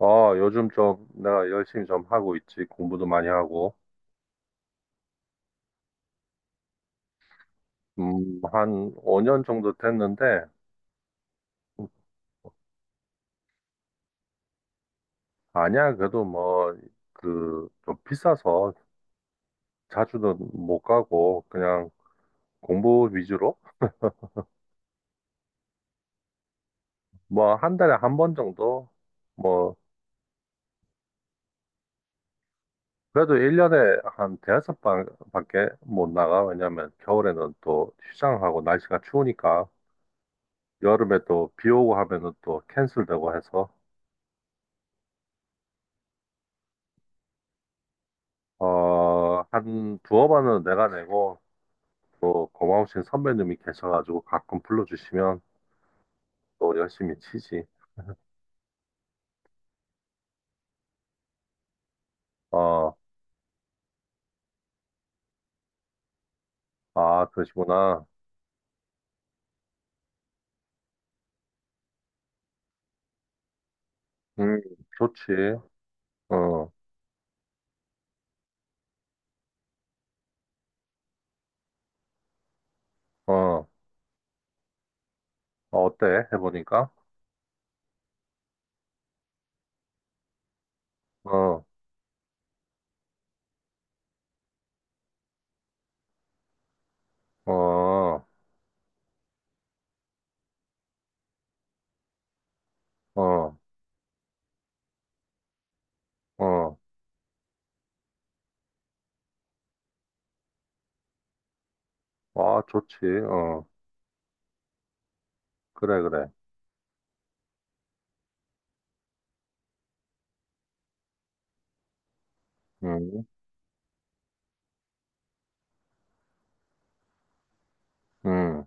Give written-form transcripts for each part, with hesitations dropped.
어, 요즘 좀 내가 열심히 좀 하고 있지. 공부도 많이 하고. 한 5년 정도 됐는데, 아니야. 그래도 뭐, 그, 좀 비싸서 자주는 못 가고, 그냥 공부 위주로? 뭐, 한 달에 한 번 정도? 뭐, 그래도 1년에 한 대여섯 번 밖에 못 나가. 왜냐면 겨울에는 또 휴장하고 날씨가 추우니까, 여름에 또 비 오고 하면은 또 캔슬되고 해서, 어, 한 두어 번은 내가 내고, 또 고마우신 선배님이 계셔가지고 가끔 불러주시면 또 열심히 치지. 어, 아, 그러시구나. 음, 좋지. 어, 어, 어때? 해보니까? 어, 어, 어, 어, 아, 좋지. 어, 그래, 그래. 음, 음,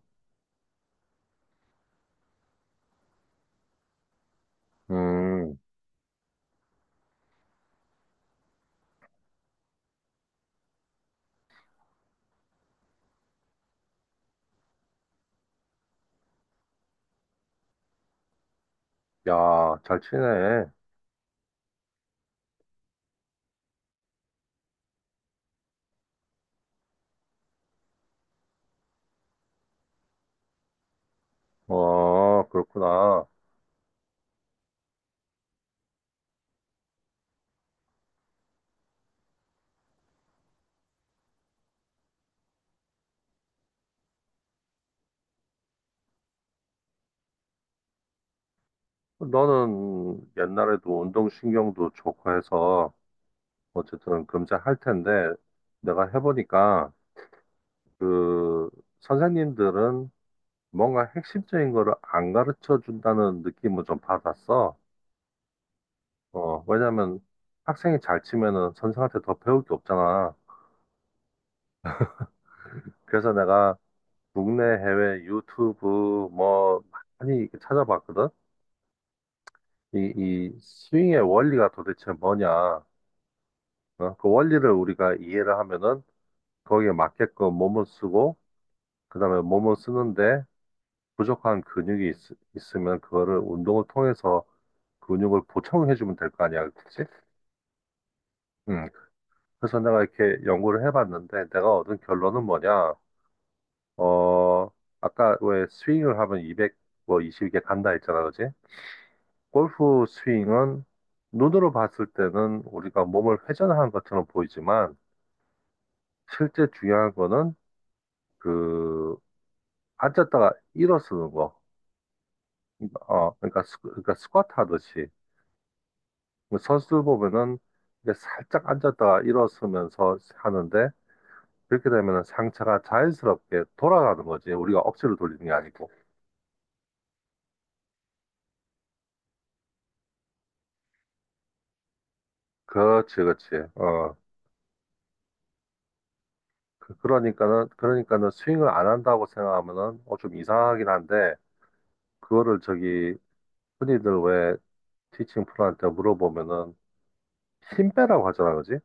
음. 야, 잘 치네. 어, 그렇구나. 너는 옛날에도 운동신경도 좋고 해서 어쨌든 금잘 할 텐데, 내가 해보니까 그 선생님들은 뭔가 핵심적인 거를 안 가르쳐 준다는 느낌을 좀 받았어. 어, 왜냐면 학생이 잘 치면은 선생한테 더 배울 게 없잖아. 그래서 내가 국내 해외 유튜브 뭐 많이 이렇게 찾아봤거든. 이 스윙의 원리가 도대체 뭐냐. 어, 그 원리를 우리가 이해를 하면은 거기에 맞게끔 몸을 쓰고, 그다음에 몸을 쓰는데 부족한 근육이 있으면 그거를 운동을 통해서 근육을 보충해주면 될 거 아니야, 그치? 음. 그래서 내가 이렇게 연구를 해봤는데, 내가 얻은 결론은 뭐냐, 어, 아까 왜 스윙을 하면 200, 뭐 20개 간다 했잖아, 그치? 골프 스윙은 눈으로 봤을 때는 우리가 몸을 회전하는 것처럼 보이지만, 실제 중요한 거는 그, 앉았다가 일어서는 거. 어, 그러니까, 그러니까 스쿼트 하듯이. 선수들 보면은 이게 살짝 앉았다가 일어서면서 하는데, 그렇게 되면 상처가 자연스럽게 돌아가는 거지. 우리가 억지로 돌리는 게 아니고. 그렇지, 그렇지. 어. 그러니까는, 스윙을 안 한다고 생각하면은, 어, 좀 이상하긴 한데, 그거를 저기, 흔히들 왜 티칭 프로한테 물어보면은, 힘 빼라고 하잖아, 그지?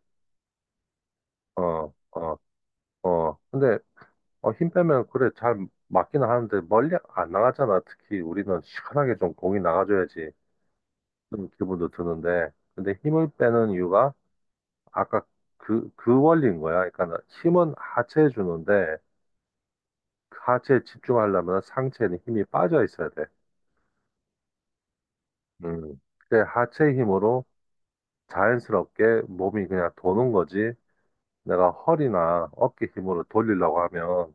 어, 어, 어. 근데, 어, 힘 빼면, 그래, 잘 맞기는 하는데, 멀리 안 나가잖아. 특히 우리는 시원하게 좀 공이 나가줘야지. 그런 기분도 드는데, 근데 힘을 빼는 이유가, 아까 그 원리인 거야. 그러니까 힘은 하체에 주는데, 그 하체에 집중하려면 상체에는 힘이 빠져 있어야 돼. 음. 근데 하체 힘으로 자연스럽게 몸이 그냥 도는 거지. 내가 허리나 어깨 힘으로 돌리려고 하면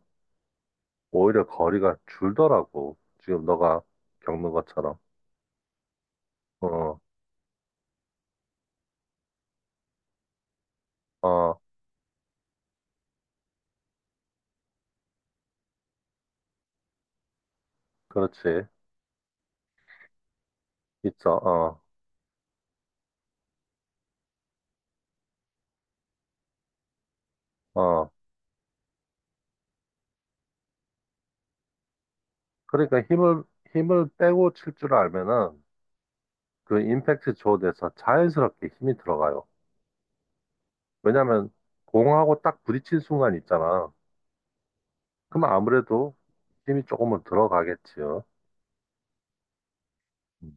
오히려 거리가 줄더라고. 지금 너가 겪는 것처럼. 어, 어, 그렇지. 있어. 어, 어. 그러니까 힘을 빼고 칠 줄 알면은 그 임팩트 조드에서 자연스럽게 힘이 들어가요. 왜냐면 공하고 딱 부딪힌 순간 있잖아. 그럼 아무래도 힘이 조금은 들어가겠지요. 음.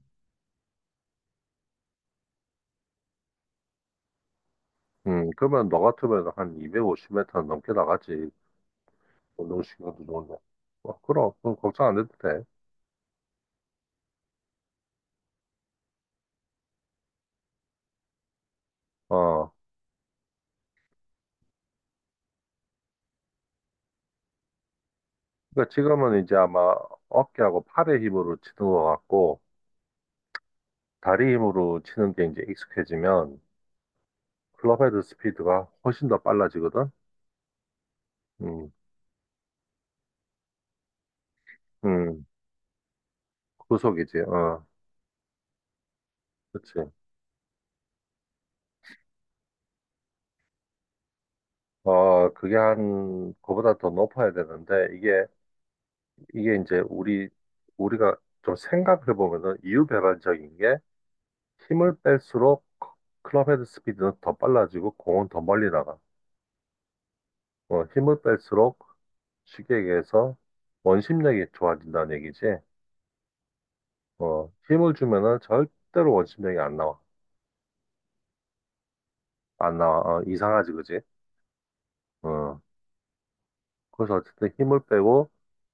그러면 너 같으면 한 250m 넘게 나가지. 운동신경도 좋은데. 어, 그럼, 그럼 걱정 안 해도 돼. 어, 그러니까 지금은 이제 아마 어깨하고 팔의 힘으로 치는 것 같고, 다리 힘으로 치는 게 이제 익숙해지면 클럽헤드 스피드가 훨씬 더 빨라지거든. 음, 음, 구속이지. 어, 그치. 어, 그게 한, 그보다 더 높아야 되는데, 이게, 이게 이제 우리가 좀 생각해 보면은 이유배반적인 게 힘을 뺄수록 클럽 헤드 스피드는 더 빨라지고 공은 더 멀리 나가. 어, 힘을 뺄수록 쉽게 얘기해서 원심력이 좋아진다는 얘기지. 어, 힘을 주면은 절대로 원심력이 안 나와. 안 나와. 어, 이상하지, 그지? 어, 그래서 어쨌든 힘을 빼고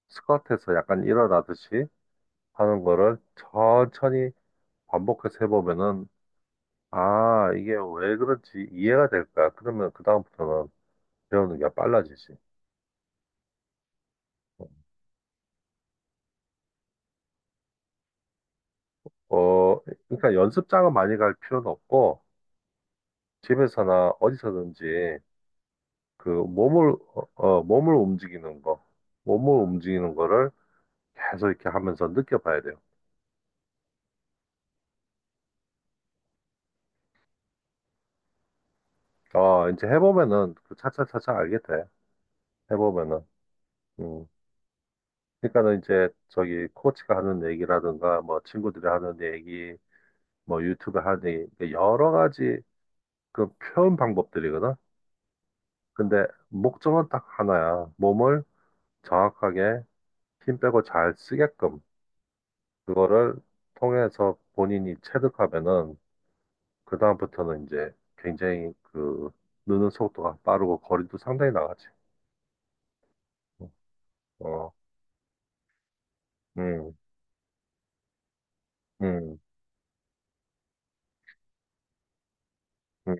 스쿼트에서 약간 일어나듯이 하는 거를 천천히 반복해서 해보면은, 아, 이게 왜 그런지 이해가 될 거야. 그러면 그다음부터는 배우는 게 빨라지지. 어, 그러니까 연습장은 많이 갈 필요는 없고, 집에서나 어디서든지 그 몸을, 어, 어, 몸을 움직이는 거를 계속 이렇게 하면서 느껴봐야 돼요. 어, 이제 해보면은 그 차차차차 알게 돼. 해보면은. 음. 그러니까는 이제 저기 코치가 하는 얘기라든가 뭐 친구들이 하는 얘기, 뭐 유튜브 하는 얘기, 여러 가지 그 표현 방법들이거든. 근데 목적은 딱 하나야. 몸을 정확하게 힘 빼고 잘 쓰게끔 그거를 통해서 본인이 체득하면은 그다음부터는 이제 굉장히 그 느는 속도가 빠르고 거리도 상당히 나가지. 어, 음, 음, 음,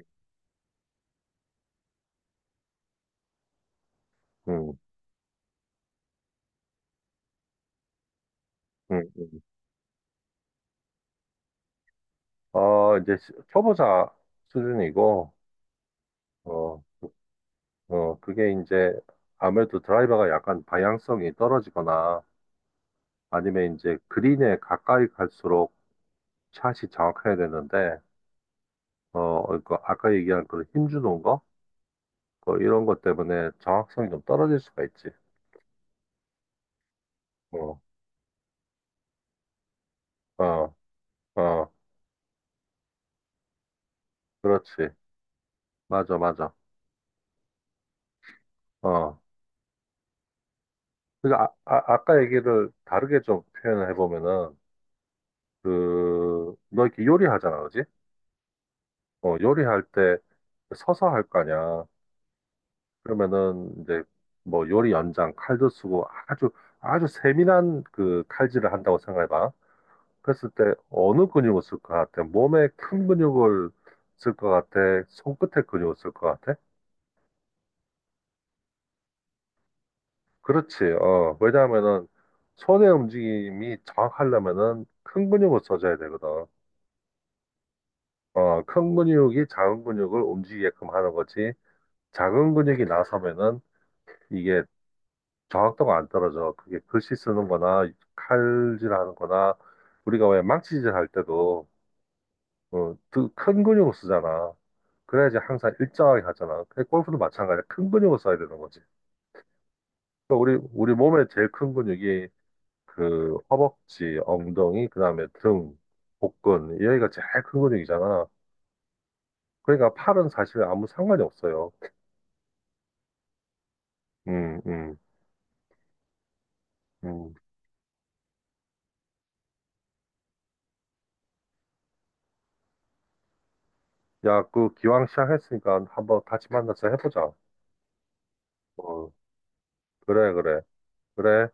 음, 음. 어, 이제 초보자 수준이고, 어, 어, 그게 이제 아무래도 드라이버가 약간 방향성이 떨어지거나 아니면 이제 그린에 가까이 갈수록 샷이 정확해야 되는데, 어, 그 아까 얘기한 그런 힘주는 거? 뭐 이런 것 때문에 정확성이 좀 떨어질 수가 있지. 어, 어, 어, 그렇지. 맞아, 맞아. 어. 그러니까 아까 얘기를 다르게 좀 표현을 해보면은, 그, 너 이렇게 요리하잖아, 그지? 어, 요리할 때 서서 할 거 아니야. 그러면은 이제 뭐 요리 연장 칼도 쓰고 아주 아주 세밀한 그 칼질을 한다고 생각해봐. 했을 때 어느 근육을 쓸 것 같아? 몸에 큰 근육을 쓸 것 같아? 손끝에 근육을 쓸 것 같아? 그렇지. 어, 왜냐하면은 손의 움직임이 정확하려면은 큰 근육을 써줘야 되거든. 어, 큰 근육이 작은 근육을 움직이게끔 하는 거지. 작은 근육이 나서면은 이게 정확도가 안 떨어져. 그게 글씨 쓰는 거나 칼질하는 거나 우리가 왜 망치질 할 때도 어, 그 큰 근육을 쓰잖아. 그래야지 항상 일정하게 가잖아. 그 골프도 마찬가지야. 큰 근육을 써야 되는 거지. 그러니까 우리 몸의 제일 큰 근육이 그 허벅지, 엉덩이, 그다음에 등, 복근 여기가 제일 큰 근육이잖아. 그러니까 팔은 사실 아무 상관이 없어요. 음, 음, 음. 야, 그 기왕 시작했으니까 한번 같이 만나서 해보자. 어, 그래, 그래, 그래.